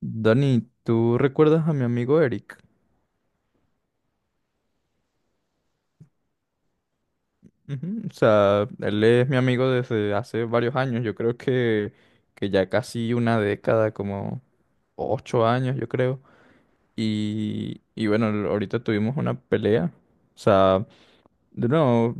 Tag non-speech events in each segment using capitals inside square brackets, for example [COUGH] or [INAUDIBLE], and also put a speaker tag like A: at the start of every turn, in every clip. A: Dani, ¿tú recuerdas a mi amigo Eric? Ujú. O sea, él es mi amigo desde hace varios años, yo creo que ya casi una década, como 8 años, yo creo. Y bueno, ahorita tuvimos una pelea. O sea, de nuevo,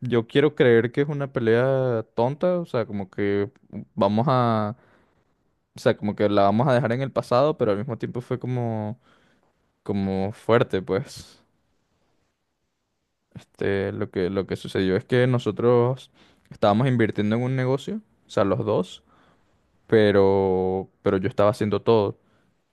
A: yo quiero creer que es una pelea tonta, o sea, como que vamos a, o sea, como que la vamos a dejar en el pasado, pero al mismo tiempo fue como fuerte, pues. Este, lo que sucedió es que nosotros estábamos invirtiendo en un negocio, o sea, los dos, pero yo estaba haciendo todo.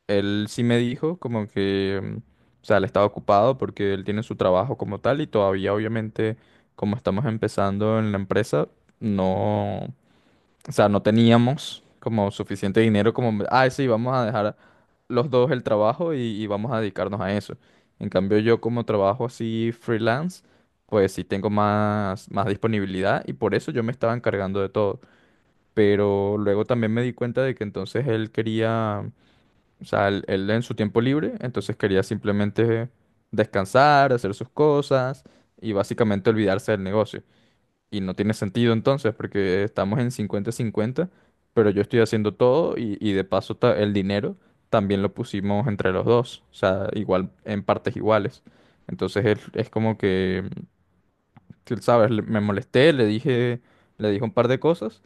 A: Él sí me dijo como que, o sea, él estaba ocupado porque él tiene su trabajo como tal y todavía obviamente como estamos empezando en la empresa, no, o sea, no teníamos como suficiente dinero como, ah, sí, vamos a dejar los dos el trabajo y vamos a dedicarnos a eso. En cambio, yo como trabajo así freelance, pues sí tengo más disponibilidad y por eso yo me estaba encargando de todo. Pero luego también me di cuenta de que entonces él quería, o sea, él en su tiempo libre, entonces quería simplemente descansar, hacer sus cosas y básicamente olvidarse del negocio. Y no tiene sentido entonces, porque estamos en 50/50 pero yo estoy haciendo todo y de paso el dinero también lo pusimos entre los dos, o sea, igual en partes iguales. Entonces es como que Me molesté, le dije un par de cosas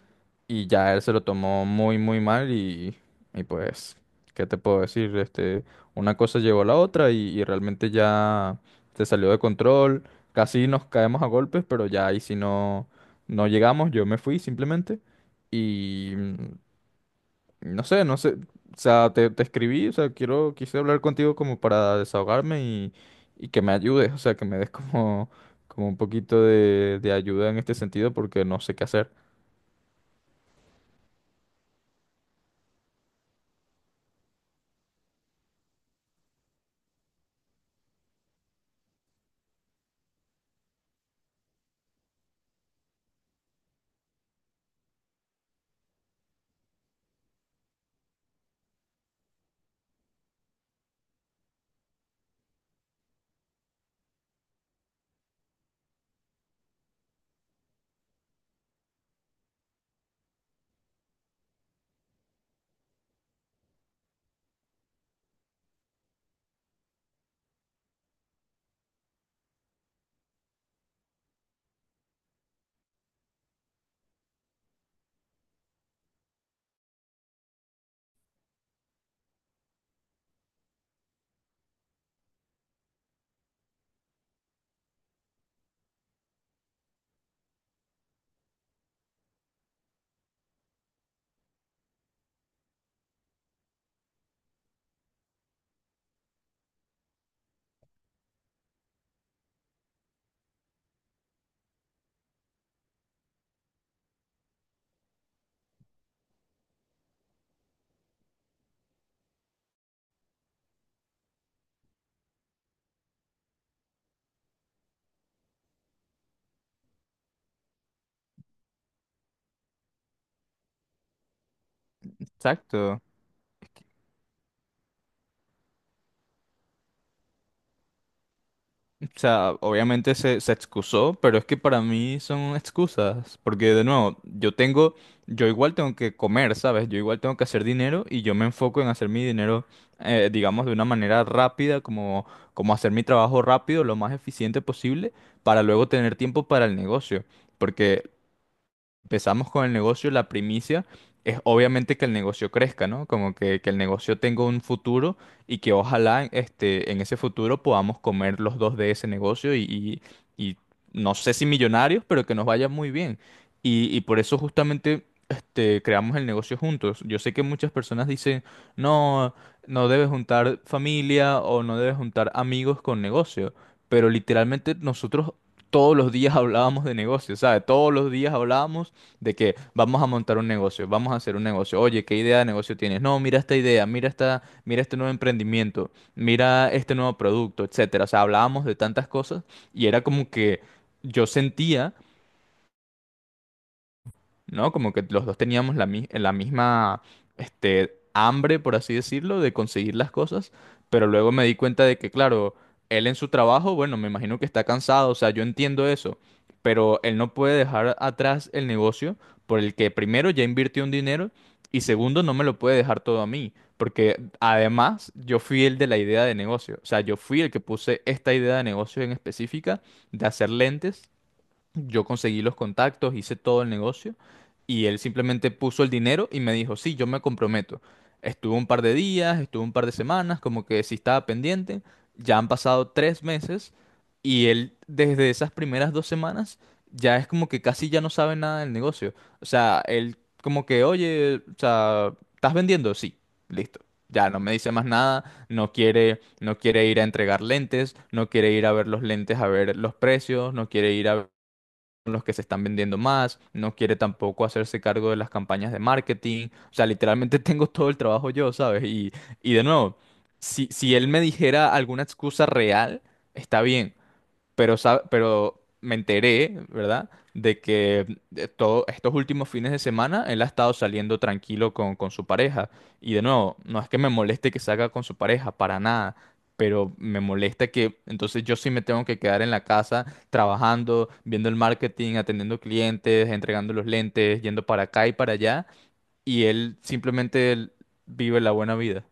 A: y ya él se lo tomó muy, muy mal y pues, ¿qué te puedo decir? Este, una cosa llevó a la otra y realmente ya se salió de control, casi nos caemos a golpes, pero ya ahí si no llegamos, yo me fui simplemente. Y no sé, no sé. O sea, te escribí, o sea, quiero, quise hablar contigo como para desahogarme y que me ayudes, o sea, que me des como, como un poquito de ayuda en este sentido porque no sé qué hacer. Exacto. O sea, obviamente se excusó, pero es que para mí son excusas, porque de nuevo, yo tengo, yo igual tengo que comer, ¿sabes? Yo igual tengo que hacer dinero y yo me enfoco en hacer mi dinero, digamos, de una manera rápida, como hacer mi trabajo rápido, lo más eficiente posible, para luego tener tiempo para el negocio. Porque empezamos con el negocio, la primicia es obviamente que el negocio crezca, ¿no? Como que el negocio tenga un futuro y que ojalá este, en ese futuro podamos comer los dos de ese negocio y no sé si millonarios, pero que nos vaya muy bien. Y por eso justamente este, creamos el negocio juntos. Yo sé que muchas personas dicen, no, no debes juntar familia o no debes juntar amigos con negocio, pero literalmente nosotros todos los días [LAUGHS] hablábamos de negocios, ¿sabes? Todos los días hablábamos de que vamos a montar un negocio, vamos a hacer un negocio. Oye, ¿qué idea de negocio tienes? No, mira esta idea, mira esta, mira este nuevo emprendimiento, mira este nuevo producto, etcétera. O sea, hablábamos de tantas cosas y era como que yo sentía, ¿no? Como que los dos teníamos la misma, este, hambre, por así decirlo, de conseguir las cosas, pero luego me di cuenta de que, claro, él en su trabajo, bueno, me imagino que está cansado, o sea, yo entiendo eso, pero él no puede dejar atrás el negocio por el que primero ya invirtió un dinero y segundo no me lo puede dejar todo a mí, porque además yo fui el de la idea de negocio, o sea, yo fui el que puse esta idea de negocio en específica de hacer lentes. Yo conseguí los contactos, hice todo el negocio y él simplemente puso el dinero y me dijo, sí, yo me comprometo. Estuvo un par de días, estuvo un par de semanas, como que sí estaba pendiente. Ya han pasado 3 meses y él desde esas primeras 2 semanas ya es como que casi ya no sabe nada del negocio. O sea, él como que, oye, o sea, ¿estás vendiendo? Sí, listo. Ya no me dice más nada, no quiere, no quiere ir a entregar lentes, no quiere ir a ver los lentes, a ver los precios, no quiere ir a son los que se están vendiendo más, no quiere tampoco hacerse cargo de las campañas de marketing, o sea, literalmente [LAUGHS] tengo todo el trabajo yo, ¿sabes? Y de nuevo, si él me dijera alguna excusa real, está bien, pero me enteré, ¿verdad? De que todo, estos últimos fines de semana él ha estado saliendo tranquilo con su pareja. Y de nuevo, no es que me moleste que salga con su pareja, para nada. Pero me molesta que entonces yo sí me tengo que quedar en la casa trabajando, viendo el marketing, atendiendo clientes, entregando los lentes, yendo para acá y para allá. Y él simplemente él vive la buena vida.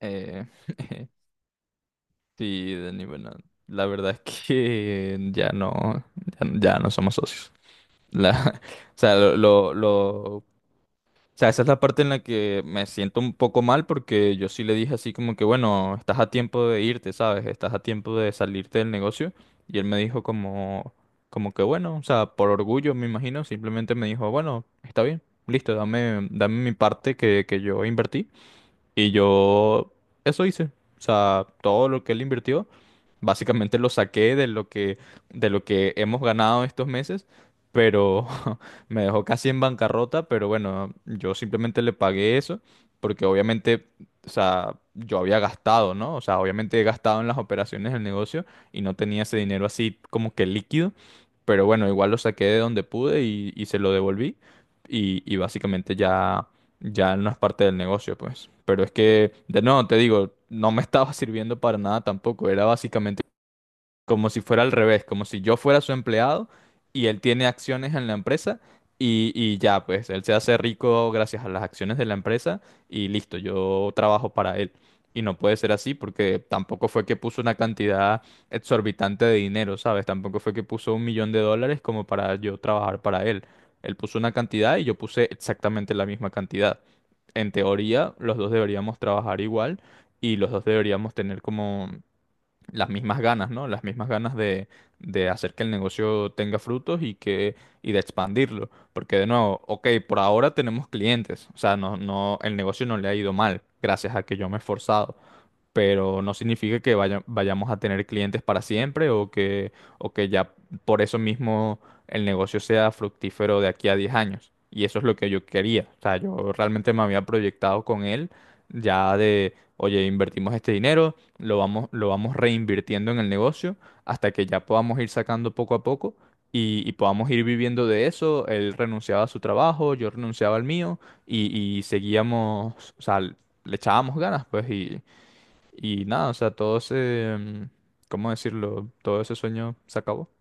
A: Eh, [LAUGHS] Sí, Dani, bueno, la verdad es que [LAUGHS] ya no somos socios. La, [LAUGHS] o sea, o sea, esa es la parte en la que me siento un poco mal porque yo sí le dije así como que, bueno, estás a tiempo de irte, ¿sabes? Estás a tiempo de salirte del negocio. Y él me dijo como, como que, bueno, o sea, por orgullo, me imagino, simplemente me dijo, bueno, está bien, listo, dame mi parte que yo invertí. Y yo eso hice. O sea, todo lo que él invirtió, básicamente lo saqué de lo que hemos ganado estos meses, pero [LAUGHS] me dejó casi en bancarrota, pero bueno, yo simplemente le pagué eso, porque obviamente, o sea, yo había gastado, ¿no? O sea, obviamente he gastado en las operaciones del negocio y no tenía ese dinero así como que líquido, pero bueno, igual lo saqué de donde pude y se lo devolví. Y básicamente ya ya no es parte del negocio, pues. Pero es que, de nuevo, te digo, no me [LAUGHS] estaba sirviendo para nada tampoco. Era como si fuera al revés, como si yo fuera su empleado y él tiene acciones en la empresa y ya, pues él se hace rico gracias a las acciones de la empresa y listo, yo trabajo para él. Y no puede ser así porque tampoco fue que puso una cantidad exorbitante de dinero, ¿sabes? Tampoco fue que puso un millón de dólares como para yo trabajar para él. Él puso una cantidad y yo puse exactamente la misma cantidad. En teoría, los dos deberíamos trabajar igual y los dos deberíamos tener como las mismas ganas, ¿no? Las mismas ganas de hacer que el negocio tenga frutos y que y de expandirlo, porque de nuevo, ok, por ahora tenemos clientes, o sea, no no el negocio no le ha ido mal gracias a que yo me he esforzado, pero no significa que vayamos a tener clientes para siempre o que, ya por eso mismo el negocio sea fructífero de aquí a 10 años. Y eso es lo que yo quería. O sea, yo realmente me había proyectado con él ya de, oye, invertimos este dinero, lo vamos reinvirtiendo en el negocio hasta que ya podamos ir sacando poco a poco. Y podamos ir viviendo de eso. Él renunciaba a su trabajo, yo renunciaba al mío y seguíamos, o sea, le echábamos ganas, pues, y nada, o sea, todo ese, ¿cómo decirlo? Todo ese sueño se acabó.